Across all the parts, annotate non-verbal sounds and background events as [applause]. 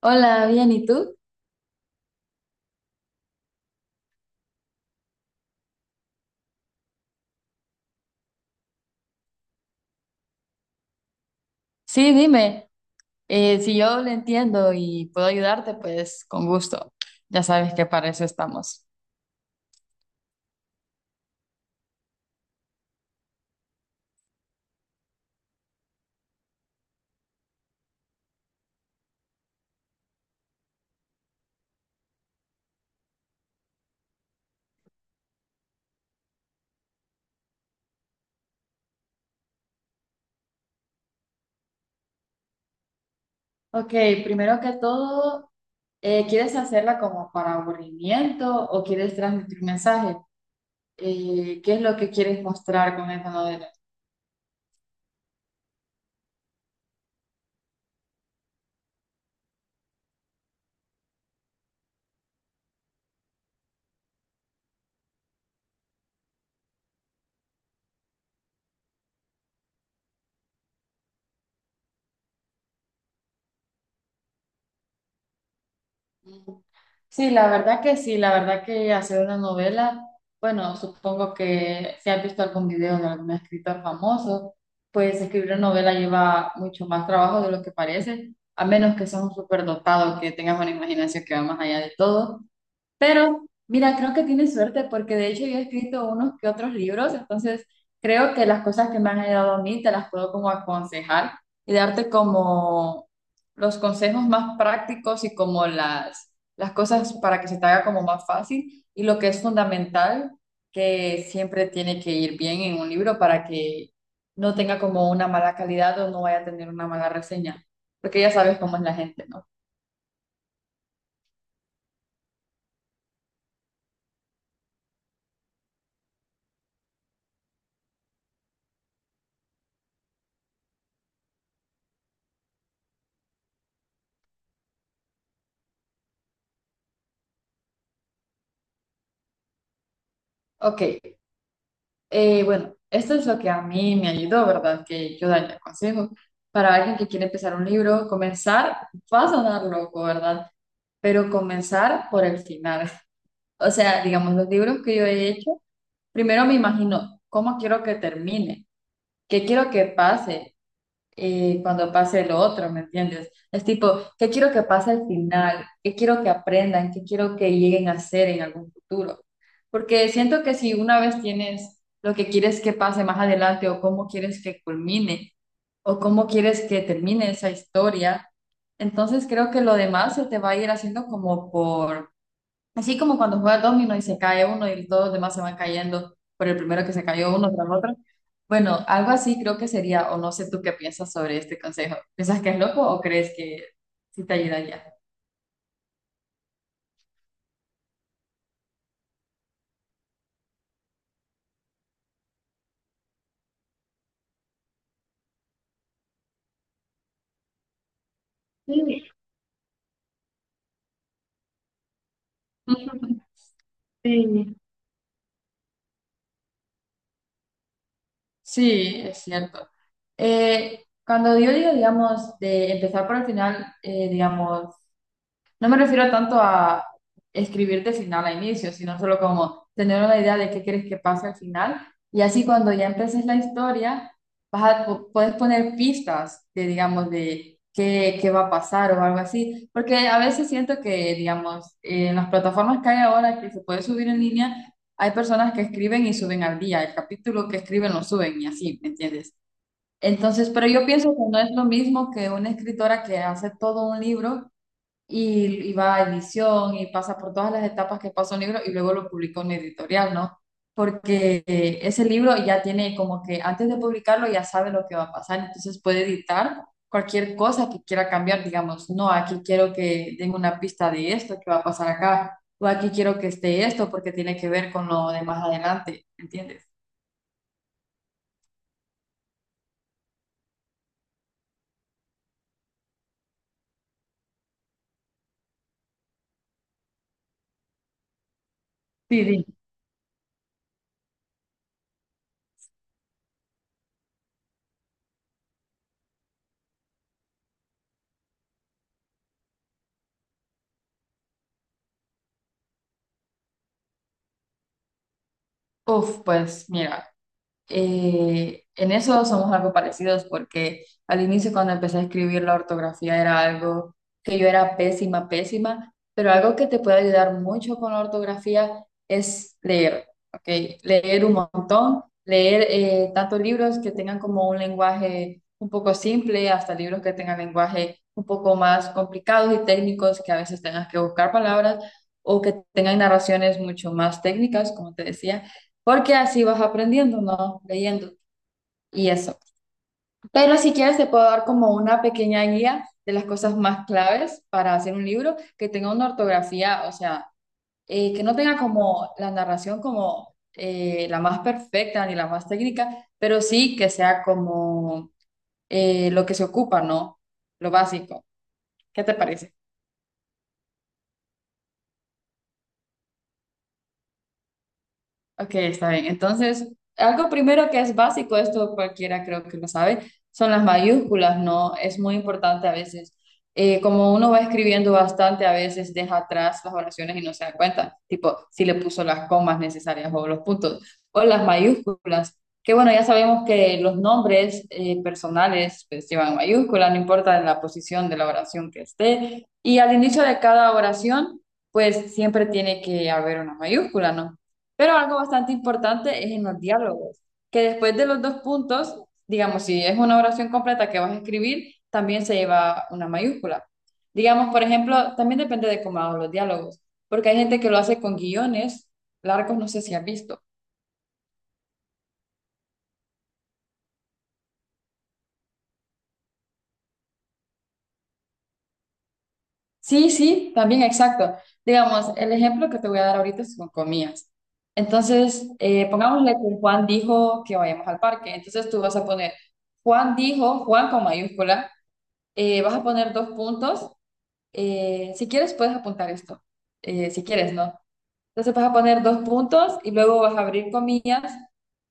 Hola, bien, ¿y tú? Sí, dime, si yo lo entiendo y puedo ayudarte, pues con gusto. Ya sabes que para eso estamos. Ok, primero que todo, ¿quieres hacerla como para aburrimiento o quieres transmitir un mensaje? ¿Qué es lo que quieres mostrar con esa novela? Sí, la verdad que sí, la verdad que hacer una novela, bueno, supongo que si has visto algún video de algún escritor famoso, pues escribir una novela lleva mucho más trabajo de lo que parece, a menos que seas un superdotados, que tengas una imaginación que va más allá de todo. Pero mira, creo que tienes suerte porque de hecho yo he escrito unos que otros libros, entonces creo que las cosas que me han ayudado a mí te las puedo como aconsejar y darte como los consejos más prácticos y como las cosas para que se te haga como más fácil y lo que es fundamental que siempre tiene que ir bien en un libro para que no tenga como una mala calidad o no vaya a tener una mala reseña, porque ya sabes cómo es la gente, ¿no? Ok. Bueno, esto es lo que a mí me ayudó, ¿verdad? Que yo daría consejos para alguien que quiere empezar un libro, comenzar, va a sonar loco, ¿verdad? Pero comenzar por el final. [laughs] O sea, digamos, los libros que yo he hecho, primero me imagino cómo quiero que termine, qué quiero que pase, cuando pase lo otro, ¿me entiendes? Es tipo, ¿qué quiero que pase al final? ¿Qué quiero que aprendan? ¿Qué quiero que lleguen a ser en algún futuro? Porque siento que si una vez tienes lo que quieres que pase más adelante o cómo quieres que culmine o cómo quieres que termine esa historia, entonces creo que lo demás se te va a ir haciendo como por... Así como cuando juega domino y se cae uno y todos los demás se van cayendo por el primero que se cayó uno tras otro. Bueno, algo así creo que sería, o no sé tú qué piensas sobre este consejo. ¿Piensas que es loco o crees que sí te ayudaría? Sí, [laughs] sí. Sí, es cierto. Cuando yo digo, digamos, de empezar por el final, digamos, no me refiero tanto a escribir de final a inicio, sino solo como tener una idea de qué quieres que pase al final. Y así cuando ya empeces la historia, puedes poner pistas de, digamos, de qué va a pasar o algo así. Porque a veces siento que, digamos, en las plataformas que hay ahora que se puede subir en línea, hay personas que escriben y suben al día. El capítulo que escriben lo suben y así, ¿me entiendes? Entonces, pero yo pienso que no es lo mismo que una escritora que hace todo un libro y va a edición y pasa por todas las etapas que pasa un libro y luego lo publica una editorial, ¿no? Porque ese libro ya tiene como que antes de publicarlo ya sabe lo que va a pasar, entonces puede editar cualquier cosa que quiera cambiar, digamos, no, aquí quiero que den una pista de esto que va a pasar acá, o aquí quiero que esté esto porque tiene que ver con lo de más adelante, ¿entiendes? Sí, sí. Uf, pues mira. En eso somos algo parecidos porque al inicio cuando empecé a escribir la ortografía era algo que yo era pésima, pésima, pero algo que te puede ayudar mucho con la ortografía es leer, ¿ok? Leer un montón, leer tanto libros que tengan como un lenguaje un poco simple, hasta libros que tengan lenguaje un poco más complicados y técnicos que a veces tengas que buscar palabras o que tengan narraciones mucho más técnicas, como te decía, porque así vas aprendiendo, ¿no? Leyendo y eso. Pero si quieres, te puedo dar como una pequeña guía de las cosas más claves para hacer un libro que tenga una ortografía, o sea, que no tenga como la narración como la más perfecta ni la más técnica, pero sí que sea como lo que se ocupa, ¿no? Lo básico. ¿Qué te parece? Ok, está bien. Entonces, algo primero que es básico, esto cualquiera creo que lo sabe, son las mayúsculas, ¿no? Es muy importante a veces. Como uno va escribiendo bastante, a veces deja atrás las oraciones y no se da cuenta, tipo si le puso las comas necesarias o los puntos, o las mayúsculas, que bueno, ya sabemos que los nombres personales pues, llevan mayúsculas, no importa la posición de la oración que esté, y al inicio de cada oración, pues siempre tiene que haber una mayúscula, ¿no? Pero algo bastante importante es en los diálogos, que después de los dos puntos, digamos, si es una oración completa que vas a escribir, también se lleva una mayúscula. Digamos, por ejemplo, también depende de cómo hago los diálogos, porque hay gente que lo hace con guiones largos, no sé si has visto. Sí, sí, también exacto. Digamos, el ejemplo que te voy a dar ahorita es con comillas. Entonces, pongámosle que Juan dijo que vayamos al parque. Entonces tú vas a poner, Juan dijo, Juan con mayúscula, vas a poner dos puntos. Si quieres, puedes apuntar esto. Si quieres, ¿no? Entonces vas a poner dos puntos y luego vas a abrir comillas.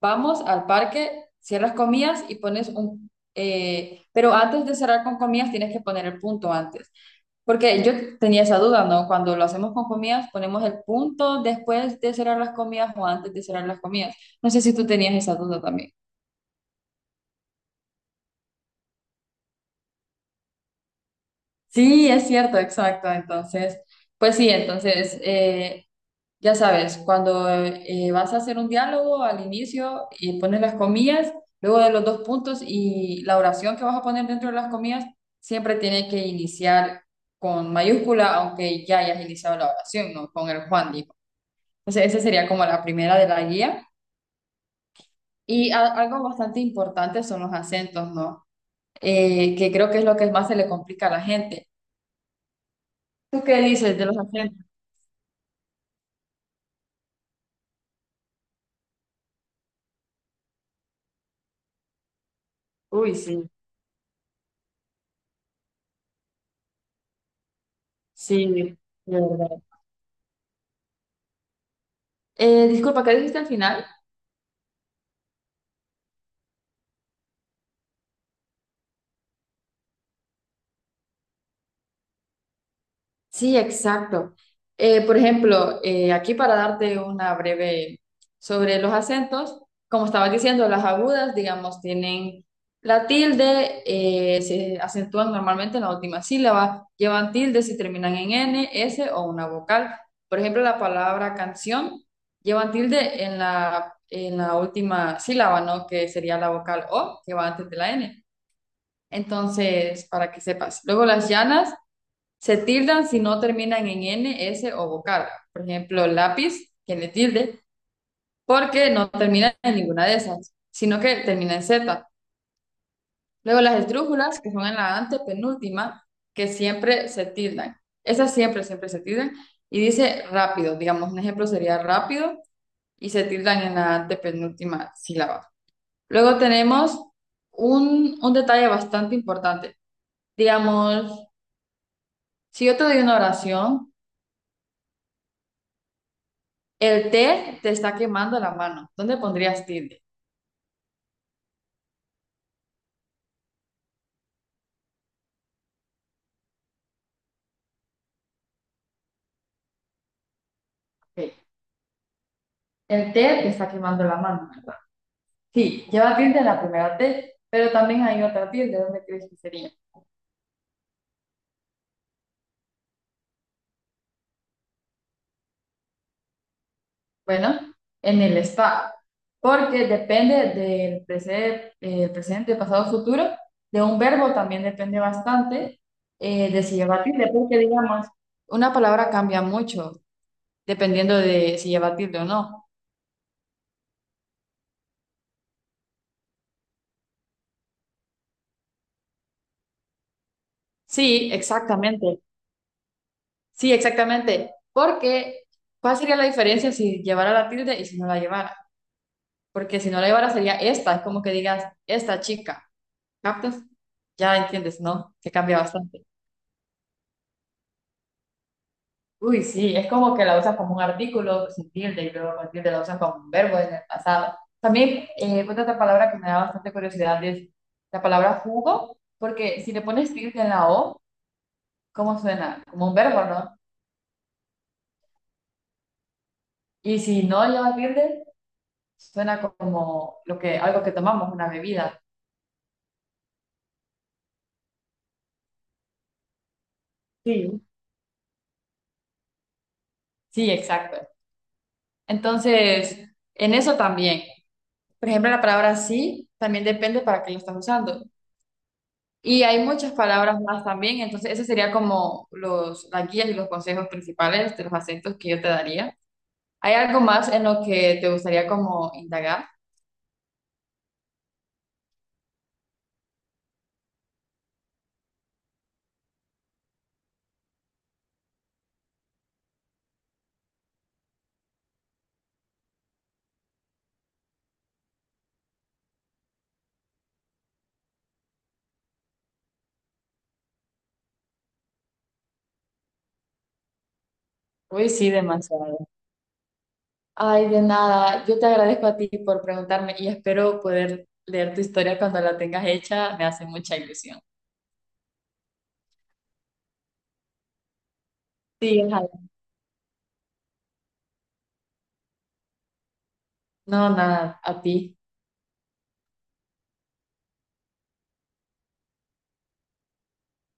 Vamos al parque, cierras comillas y pones un... pero antes de cerrar con comillas tienes que poner el punto antes. Porque yo tenía esa duda, ¿no? Cuando lo hacemos con comillas, ponemos el punto después de cerrar las comillas o antes de cerrar las comillas. No sé si tú tenías esa duda también. Sí, es cierto, exacto. Entonces, pues sí, entonces... ya sabes, cuando vas a hacer un diálogo al inicio y pones las comillas, luego de los dos puntos y la oración que vas a poner dentro de las comillas, siempre tiene que iniciar con mayúscula, aunque ya hayas iniciado la oración, ¿no? Con el Juan dijo. Entonces, esa sería como la primera de la guía. Algo bastante importante son los acentos, ¿no? Que creo que es lo que más se le complica a la gente. ¿Tú qué dices de los acentos? Uy, sí, sí, de verdad. Disculpa, ¿qué dijiste al final? Sí, exacto. Por ejemplo, aquí para darte una breve sobre los acentos, como estaba diciendo, las agudas, digamos, tienen la tilde, se acentúan normalmente en la última sílaba, llevan tilde si terminan en N, S o una vocal. Por ejemplo, la palabra canción llevan tilde en en la última sílaba, ¿no? Que sería la vocal O, que va antes de la N. Entonces, para que sepas. Luego las llanas. Se tildan si no terminan en N, S o vocal. Por ejemplo, lápiz tiene tilde porque no termina en ninguna de esas, sino que termina en Z. Luego las esdrújulas, que son en la antepenúltima, que siempre se tildan. Esas siempre, siempre se tildan. Y dice rápido, digamos, un ejemplo sería rápido y se tildan en la antepenúltima sílaba. Luego tenemos un detalle bastante importante. Digamos, si yo te doy una oración, el té te está quemando la mano. ¿Dónde pondrías tilde? Ok. El té te está quemando la mano, ¿verdad? Sí, lleva tilde en la primera T, pero también hay otra tilde. ¿Dónde crees que sería? Bueno, en el está, porque depende del presente, presente, pasado, futuro. De un verbo también depende bastante de si lleva tilde, porque digamos, una palabra cambia mucho dependiendo de si lleva tilde o no. Sí, exactamente. Sí, exactamente. Porque, ¿cuál sería la diferencia si llevara la tilde y si no la llevara? Porque si no la llevara sería esta, es como que digas, esta chica, ¿captas? Ya entiendes, ¿no? Que cambia bastante. Uy, sí, es como que la usas como un artículo sin tilde y luego con tilde la usas como un verbo en el pasado. También, otra palabra que me da bastante curiosidad es la palabra jugo, porque si le pones tilde en la O, ¿cómo suena? Como un verbo, ¿no? Y si no lleva tilde, suena como lo que, algo que tomamos, una bebida. Sí. Sí, exacto. Entonces, en eso también. Por ejemplo, la palabra sí también depende para qué lo estás usando. Y hay muchas palabras más también, entonces ese sería como las guías y los consejos principales de los acentos que yo te daría. ¿Hay algo más en lo que te gustaría como indagar? Uy, sí, demasiado. Ay, de nada, yo te agradezco a ti por preguntarme y espero poder leer tu historia cuando la tengas hecha, me hace mucha ilusión. Sí, ojalá. No, nada, a ti.